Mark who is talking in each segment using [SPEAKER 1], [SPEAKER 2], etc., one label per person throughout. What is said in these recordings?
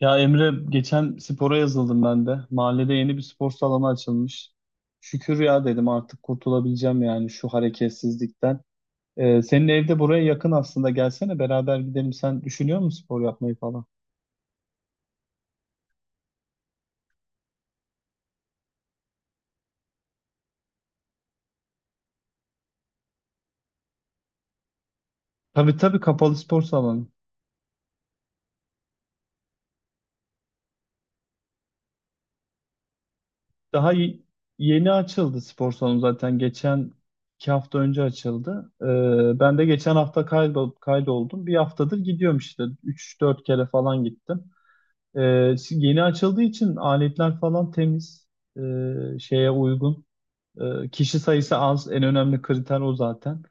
[SPEAKER 1] Ya Emre geçen spora yazıldım ben de. Mahallede yeni bir spor salonu açılmış. Şükür ya dedim artık kurtulabileceğim yani şu hareketsizlikten. Senin evde buraya yakın aslında gelsene beraber gidelim. Sen düşünüyor musun spor yapmayı falan? Tabii tabii, kapalı spor salonu. Daha y- Yeni açıldı spor salonu zaten. Geçen iki hafta önce açıldı. Ben de geçen hafta kaydoldum. Bir haftadır gidiyorum işte. Üç dört kere falan gittim. Şimdi yeni açıldığı için aletler falan temiz, şeye uygun. Kişi sayısı az, en önemli kriter o zaten.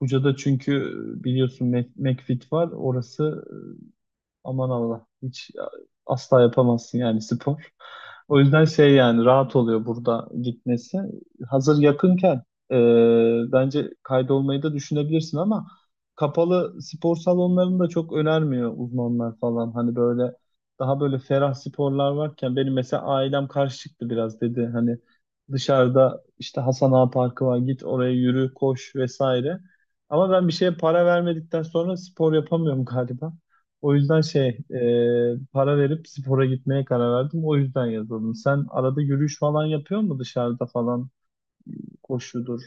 [SPEAKER 1] Buca'da çünkü biliyorsun McFit var, orası aman Allah. Hiç ya, asla yapamazsın yani spor. O yüzden şey, yani rahat oluyor burada gitmesi. Hazır yakınken bence kaydolmayı da düşünebilirsin ama kapalı spor salonlarını da çok önermiyor uzmanlar falan. Hani böyle daha böyle ferah sporlar varken benim mesela ailem karşı çıktı biraz, dedi hani dışarıda işte Hasan Ağa Parkı var, git oraya yürü koş vesaire. Ama ben bir şeye para vermedikten sonra spor yapamıyorum galiba. O yüzden şey, para verip spora gitmeye karar verdim. O yüzden yazıldım. Sen arada yürüyüş falan yapıyor mu dışarıda falan, koşudur?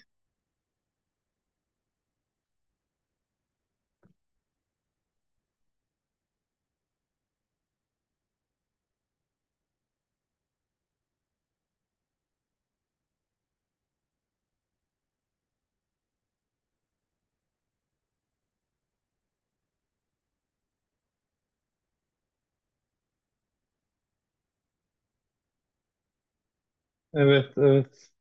[SPEAKER 1] Evet evet,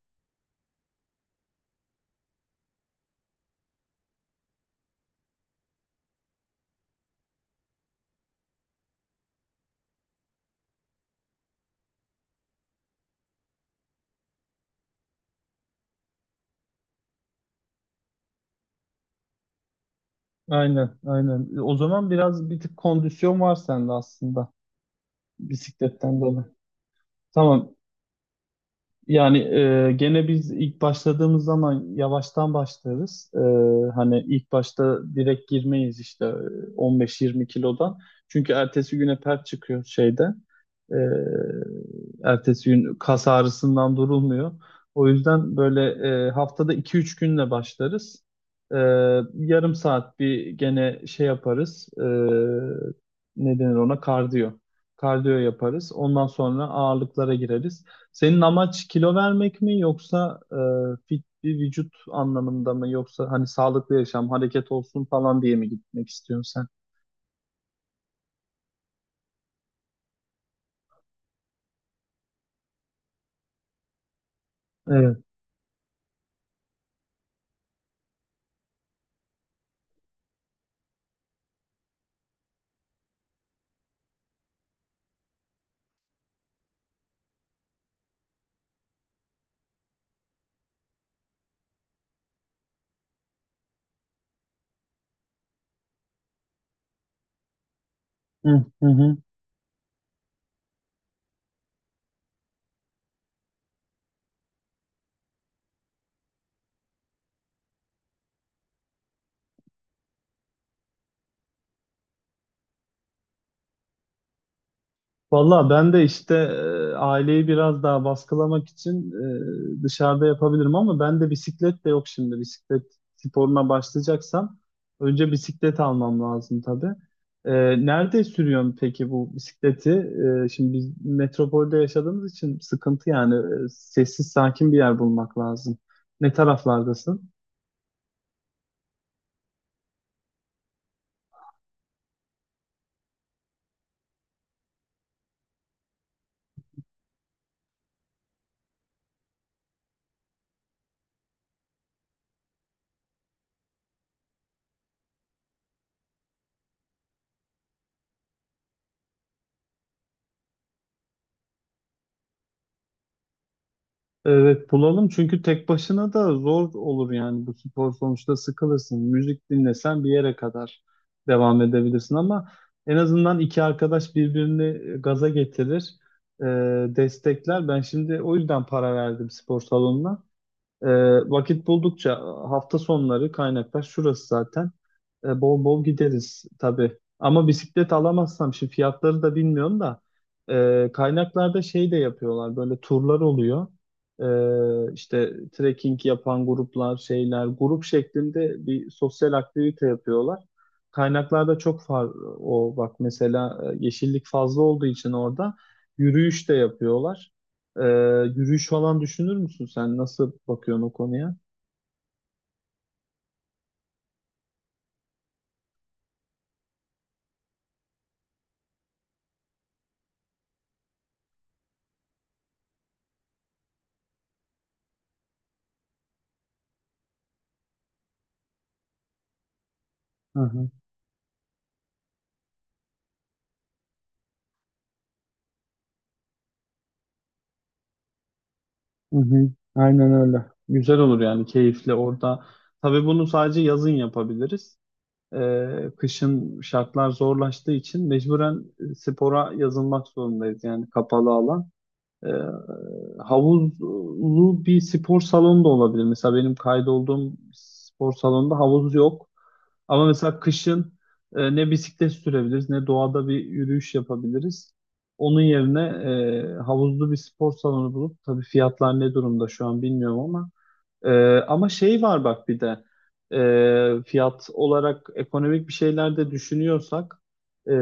[SPEAKER 1] aynen aynen. O zaman biraz bir tık kondisyon var sende aslında bisikletten dolayı. Tamam. Yani gene biz ilk başladığımız zaman yavaştan başlarız. E, hani ilk başta direkt girmeyiz işte 15-20 kilodan. Çünkü ertesi güne pert çıkıyor şeyde. E, ertesi gün kas ağrısından durulmuyor. O yüzden böyle haftada iki üç günle başlarız. E, Yarım saat bir gene şey yaparız. E, ne denir ona? Kardiyo. Kardiyo yaparız. Ondan sonra ağırlıklara gireriz. Senin amaç kilo vermek mi, yoksa fit bir vücut anlamında mı, yoksa hani sağlıklı yaşam, hareket olsun falan diye mi gitmek istiyorsun sen? Evet. Hı hı, hı. Valla ben de işte aileyi biraz daha baskılamak için dışarıda yapabilirim ama ben de bisiklet de yok şimdi. Bisiklet sporuna başlayacaksam önce bisiklet almam lazım tabii. E, Nerede sürüyorsun peki bu bisikleti? E, şimdi biz metropolde yaşadığımız için sıkıntı yani. E, sessiz sakin bir yer bulmak lazım. Ne taraflardasın? Evet, bulalım çünkü tek başına da zor olur yani bu spor, sonuçta sıkılırsın. Müzik dinlesen bir yere kadar devam edebilirsin ama en azından iki arkadaş birbirini gaza getirir, e, destekler. Ben şimdi o yüzden para verdim spor salonuna. E, Vakit buldukça hafta sonları kaynaklar şurası zaten. Bol bol gideriz tabii. Ama bisiklet alamazsam, şimdi fiyatları da bilmiyorum da, kaynaklarda şey de yapıyorlar, böyle turlar oluyor. E, işte trekking yapan gruplar, şeyler, grup şeklinde bir sosyal aktivite yapıyorlar. Kaynaklarda çok far, o bak mesela yeşillik fazla olduğu için orada yürüyüş de yapıyorlar. Ee, Yürüyüş falan düşünür müsün sen? Nasıl bakıyorsun o konuya? Hı hı, hı hı. Aynen öyle. Güzel olur yani, keyifli orada. Tabii bunu sadece yazın yapabiliriz. Kışın şartlar zorlaştığı için mecburen spora yazılmak zorundayız yani, kapalı alan. Ee, Havuzlu bir spor salonu da olabilir. Mesela benim kaydolduğum spor salonunda havuz yok. Ama mesela kışın ne bisiklet sürebiliriz, ne doğada bir yürüyüş yapabiliriz. Onun yerine havuzlu bir spor salonu bulup, tabii fiyatlar ne durumda şu an bilmiyorum ama, ee, ama şey var bak, bir de fiyat olarak ekonomik bir şeyler de düşünüyorsak, ee,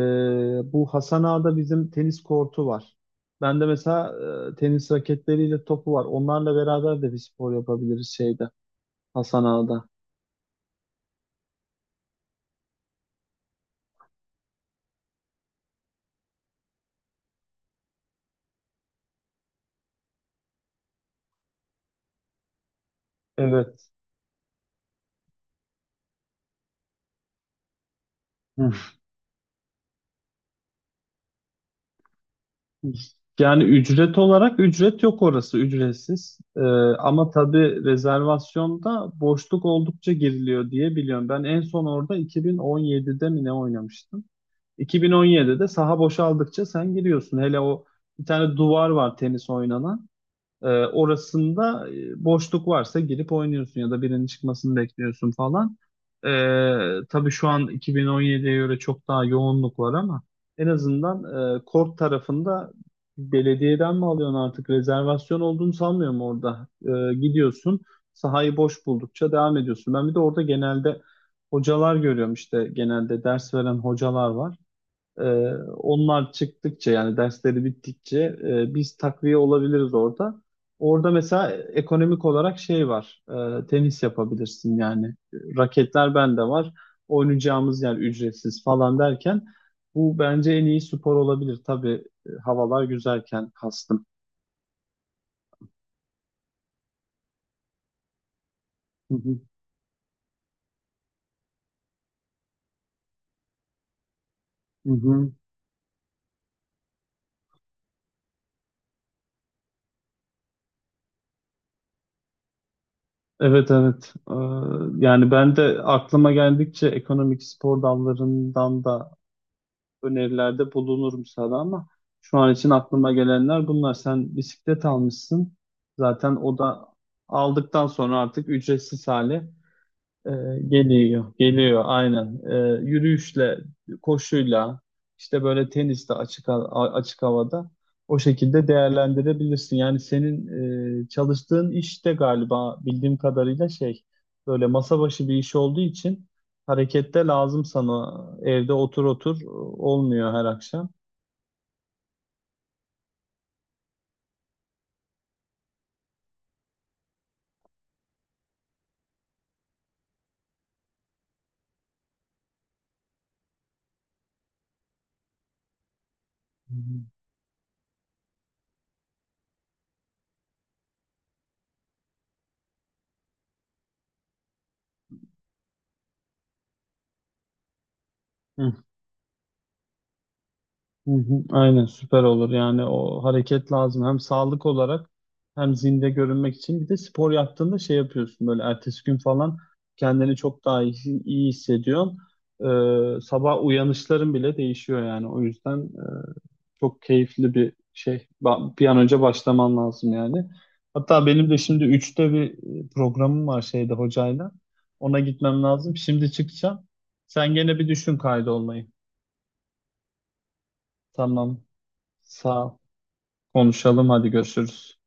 [SPEAKER 1] bu Hasan Ağa'da bizim tenis kortu var. Ben de mesela tenis raketleriyle topu var. Onlarla beraber de bir spor yapabiliriz şeyde, Hasan Ağa'da. Evet. Hı. Yani ücret olarak ücret yok, orası ücretsiz. Ama tabii rezervasyonda boşluk oldukça giriliyor diye biliyorum. Ben en son orada 2017'de mi ne oynamıştım? 2017'de saha boşaldıkça sen giriyorsun. Hele o, bir tane duvar var tenis oynanan. Orasında boşluk varsa girip oynuyorsun, ya da birinin çıkmasını bekliyorsun falan. Tabii şu an 2017'ye göre çok daha yoğunluk var ama en azından kort tarafında belediyeden mi alıyorsun, artık rezervasyon olduğunu sanmıyorum orada. Gidiyorsun, sahayı boş buldukça devam ediyorsun. Ben bir de orada genelde hocalar görüyorum, işte genelde ders veren hocalar var. Ee, Onlar çıktıkça, yani dersleri bittikçe, biz takviye olabiliriz orada. Orada mesela ekonomik olarak şey var. Tenis yapabilirsin yani. Raketler bende var. Oynayacağımız yer ücretsiz falan derken, bu bence en iyi spor olabilir. Tabii havalar güzelken kastım. Hı hı, hı hı. Evet evet. Yani ben de aklıma geldikçe ekonomik spor dallarından da önerilerde bulunurum sana ama şu an için aklıma gelenler bunlar. Sen bisiklet almışsın. Zaten o da aldıktan sonra artık ücretsiz hale e, geliyor. Geliyor aynen. E, yürüyüşle, koşuyla, işte böyle teniste açık açık havada, o şekilde değerlendirebilirsin. Yani senin çalıştığın işte galiba bildiğim kadarıyla şey, böyle masa başı bir iş olduğu için harekette lazım sana. Evde otur olmuyor her akşam. Hı. Hı hı, aynen süper olur yani, o hareket lazım hem sağlık olarak, hem zinde görünmek için. Bir de spor yaptığında şey yapıyorsun, böyle ertesi gün falan kendini çok daha iyi hissediyorsun. Sabah uyanışların bile değişiyor, yani o yüzden çok keyifli bir şey. Bir an önce başlaman lazım yani. Hatta benim de şimdi üçte bir programım var şeyde, hocayla, ona gitmem lazım, şimdi çıkacağım. Sen gene bir düşün kaydolmayı. Tamam, sağ ol. Konuşalım, hadi görüşürüz.